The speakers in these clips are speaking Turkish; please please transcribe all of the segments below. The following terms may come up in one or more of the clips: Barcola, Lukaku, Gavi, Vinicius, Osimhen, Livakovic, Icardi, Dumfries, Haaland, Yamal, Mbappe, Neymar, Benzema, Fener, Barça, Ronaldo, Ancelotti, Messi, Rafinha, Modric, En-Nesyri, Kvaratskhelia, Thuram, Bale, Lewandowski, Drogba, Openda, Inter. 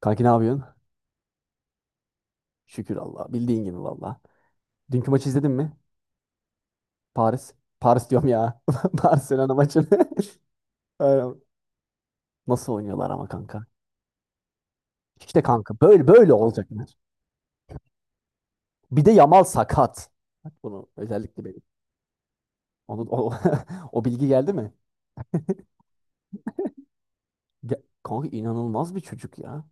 Kanki ne yapıyorsun? Şükür Allah. Bildiğin gibi valla. Dünkü maçı izledin mi? Paris. Paris diyorum ya. Barcelona maçını. Aynen. Nasıl oynuyorlar ama kanka? İşte kanka böyle böyle olacaklar. Bir de Yamal sakat. Bak bunu özellikle benim. Onu, o, o bilgi geldi mi? Kanka inanılmaz bir çocuk ya.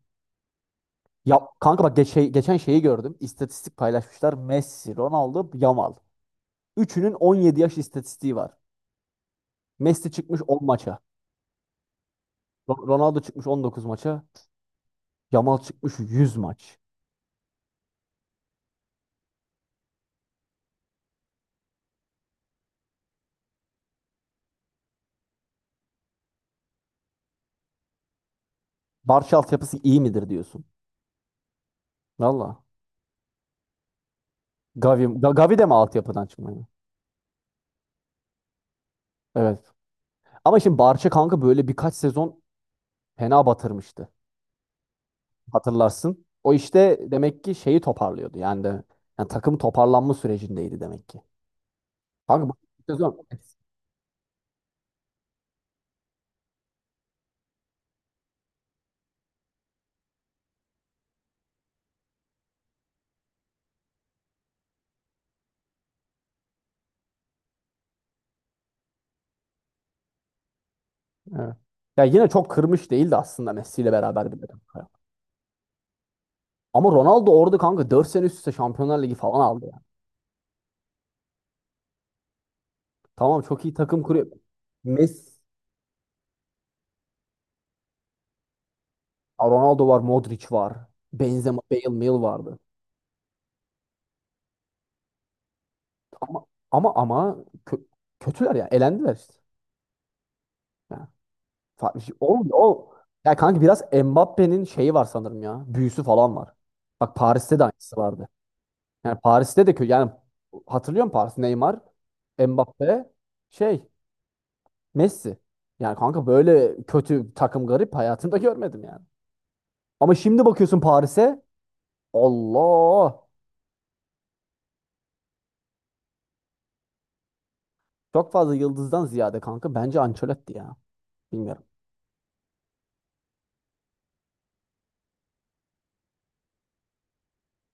Ya kanka bak geçen şeyi gördüm. İstatistik paylaşmışlar. Messi, Ronaldo, Yamal. Üçünün 17 yaş istatistiği var. Messi çıkmış 10 maça. Ronaldo çıkmış 19 maça. Yamal çıkmış 100 maç. Barça altyapısı iyi midir diyorsun? Valla. Gavi de mi altyapıdan çıkmadı? Evet. Ama şimdi Barça kanka böyle birkaç sezon fena batırmıştı. Hatırlarsın. O işte demek ki şeyi toparlıyordu. Yani de Yani takım toparlanma sürecindeydi demek ki. Kanka bu sezon evet. Ya yine çok kırmış değildi aslında Messi ile beraber bile, kanka. Ama Ronaldo orada kanka 4 sene üst üste Şampiyonlar Ligi falan aldı yani. Tamam, çok iyi takım kuruyor. Messi, Ronaldo var, Modric var. Benzema, Bale, Mil vardı. Ama ama ama kö- Kötüler ya. Elendiler işte. Ya, farklı şey olmuyor. O, ya kanka biraz Mbappe'nin şeyi var sanırım ya. Büyüsü falan var. Bak Paris'te de aynısı vardı. Yani Paris'te de kötü. Yani hatırlıyor musun Paris? Neymar, Mbappe, şey, Messi. Yani kanka böyle kötü takım garip hayatımda görmedim yani. Ama şimdi bakıyorsun Paris'e Allah. Çok fazla yıldızdan ziyade kanka bence Ancelotti ya. Bilmiyorum.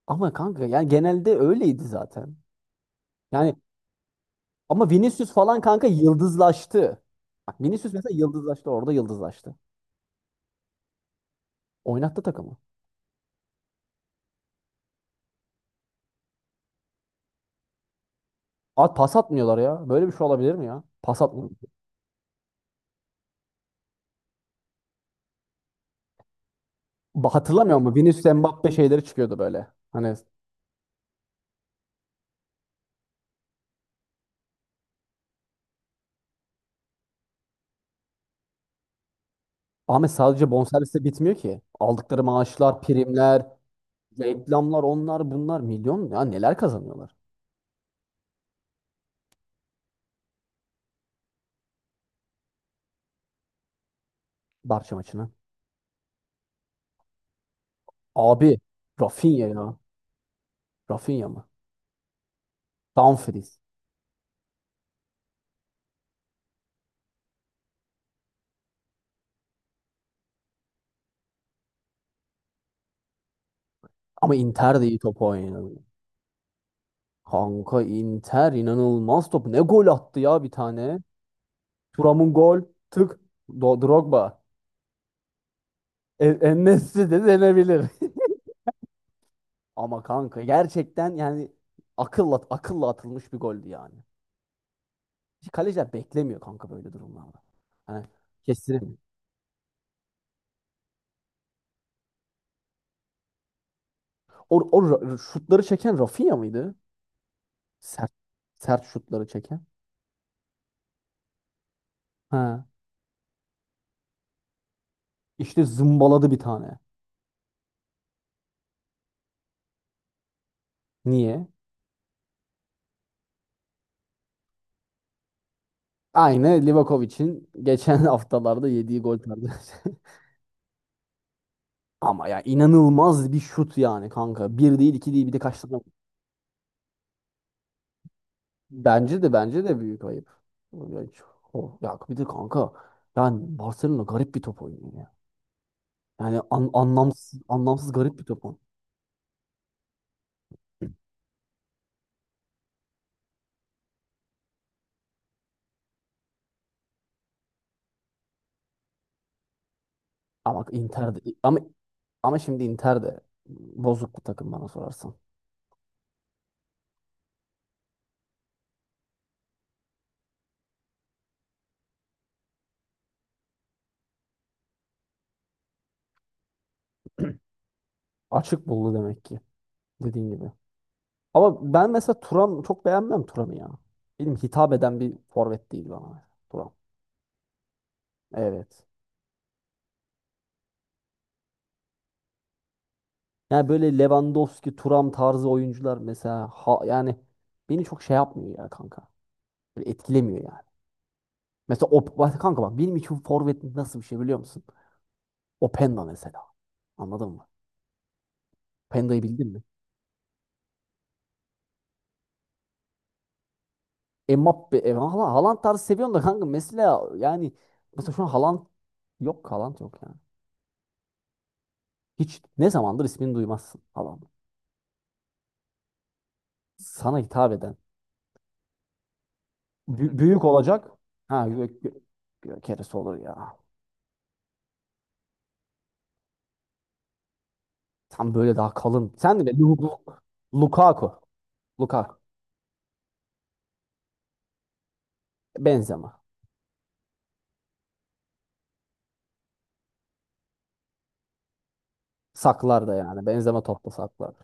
Ama kanka yani genelde öyleydi zaten. Yani ama Vinicius falan kanka yıldızlaştı. Bak Vinicius mesela yıldızlaştı, orada yıldızlaştı. Oynattı takımı. At pas atmıyorlar ya. Böyle bir şey olabilir mi ya? Pas atmıyor. Hatırlamıyor musun? Vinicius Mbappe şeyleri çıkıyordu böyle. Hani Ahmet sadece bonservisle bitmiyor ki. Aldıkları maaşlar, primler, reklamlar, onlar bunlar milyon ya, neler kazanıyorlar. Barça maçına. Abi Rafinha ya. Rafinha mı? Dumfries. Ama Inter de iyi top oynuyor. Kanka Inter inanılmaz top. Ne gol attı ya bir tane. Thuram'ın gol. Tık. Drogba. En-Nesyri de denebilir. Ama kanka gerçekten yani akılla atılmış bir goldü yani. Kaleciler beklemiyor kanka böyle durumlarda. Hani kestiremiyor. Şutları çeken Rafinha mıydı? Sert Sert şutları çeken. Ha. İşte zımbaladı bir tane. Niye? Aynı Livakovic'in geçen haftalarda yediği gol tarzı. Ama ya inanılmaz bir şut yani kanka. Bir değil, iki değil, bir de kaç tane. Bence de büyük ayıp. Ya bir de kanka yani Barcelona garip bir top oynuyor ya. Yani anlamsız garip bir top oynuyor. Ama bak Inter de, ama ama şimdi Inter de bozuk bir takım bana sorarsan. Açık buldu demek ki, dediğin gibi. Ama ben mesela Turan çok beğenmem, Turan'ı ya. Benim hitap eden bir forvet değil bana. Turan. Evet. Yani böyle Lewandowski, Thuram tarzı oyuncular mesela ha, yani beni çok şey yapmıyor ya kanka. Böyle etkilemiyor yani. Mesela o, bak kanka, bak benim için forvet nasıl bir şey biliyor musun? Openda mesela. Anladın mı? Openda'yı bildin mi? Haaland tarzı seviyorum da kanka mesela yani mesela şu an Haaland yok, Haaland yok yani. Hiç ne zamandır ismini duymazsın Haaland. Sana hitap eden. Büyük olacak. Ha gö- gö- Keresi olur ya. Tam böyle daha kalın. Sen de Lukaku. Lukaku. Benzema. Saklar da yani. Benzema topla saklar.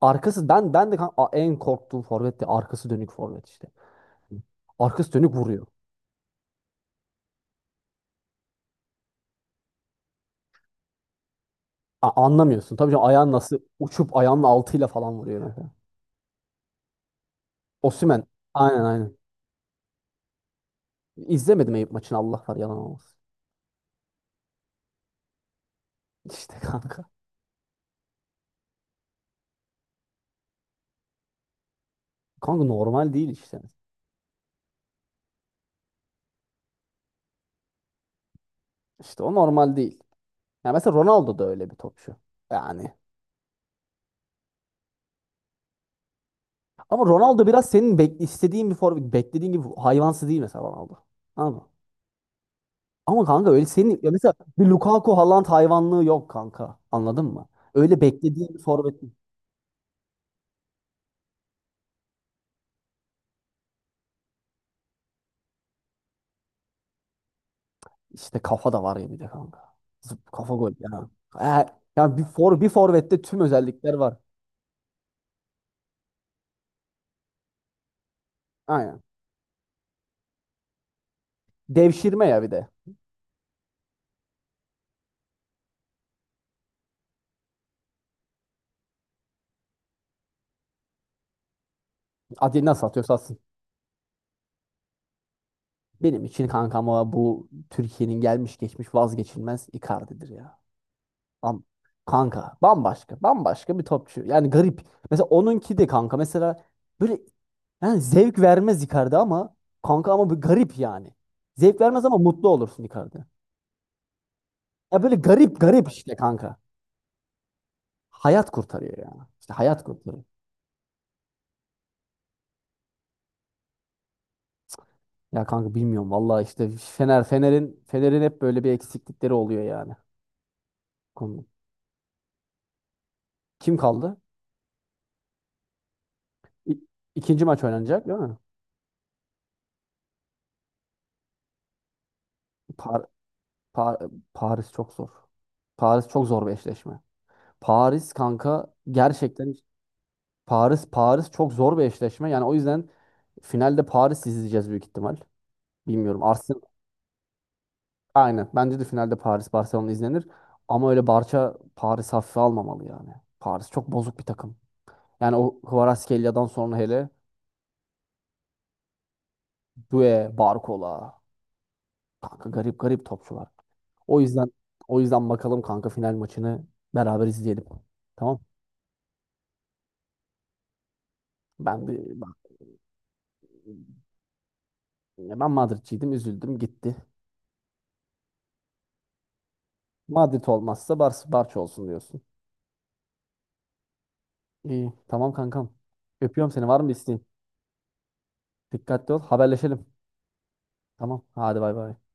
Arkası ben ben de kan- a- en korktuğum forvet de arkası dönük forvet işte. Arkası dönük vuruyor. Anlamıyorsun. Tabii canım ayağın nasıl uçup ayağının altıyla falan vuruyor mesela. Osimhen. Aynen aynen. İzlemedim Eyüp maçını, Allah var, yalan olmasın. İşte kanka. Kanka normal değil işte. İşte o normal değil. Ya mesela Ronaldo da öyle bir topçu. Yani ama Ronaldo biraz senin bek istediğin bir forvet, beklediğin gibi hayvansı değil mesela Ronaldo. Anladın mı? Ama kanka öyle senin ya mesela bir Lukaku Haaland hayvanlığı yok kanka. Anladın mı? Öyle beklediğin bir forvet işte, kafa da var ya bir de kanka. Zıp kafa gol ya. E, Ya bir bir forvette tüm özellikler var. Aynen. Devşirme ya bir de. Adi nasıl atıyorsa atsın. Benim için kankam o, bu Türkiye'nin gelmiş geçmiş vazgeçilmez Icardi'dir ya. Am- Kanka bambaşka bambaşka bir topçu. Yani garip. Mesela onunki de kanka mesela böyle yani zevk vermez Icardi, ama kanka ama bir garip yani. Zevk vermez ama mutlu olursun Icardi. Ya böyle garip garip işte kanka. Hayat kurtarıyor yani. İşte hayat kurtarıyor. Ya kanka bilmiyorum vallahi işte Fener'in hep böyle bir eksiklikleri oluyor yani. Konu. Kim kaldı? İ- İkinci maç oynanacak değil mi? Par Par- Paris çok zor. Paris çok zor bir eşleşme. Paris kanka gerçekten Paris çok zor bir eşleşme. Yani o yüzden finalde Paris izleyeceğiz büyük ihtimal. Bilmiyorum. Arsenal aynen. Bence de finalde Paris Barcelona izlenir. Ama öyle Barça Paris hafife almamalı yani. Paris çok bozuk bir takım. Yani o Kvaratskhelia'dan sonra hele Due, Barcola. Kanka garip garip topçular. O yüzden bakalım kanka final maçını beraber izleyelim. Tamam. Ben bir ben, Ben Madridciydim, üzüldüm, gitti. Madrid olmazsa Barça olsun diyorsun. İyi. Tamam kankam. Öpüyorum seni. Var mı bir isteğin? Dikkatli ol. Haberleşelim. Tamam. Hadi bay bay.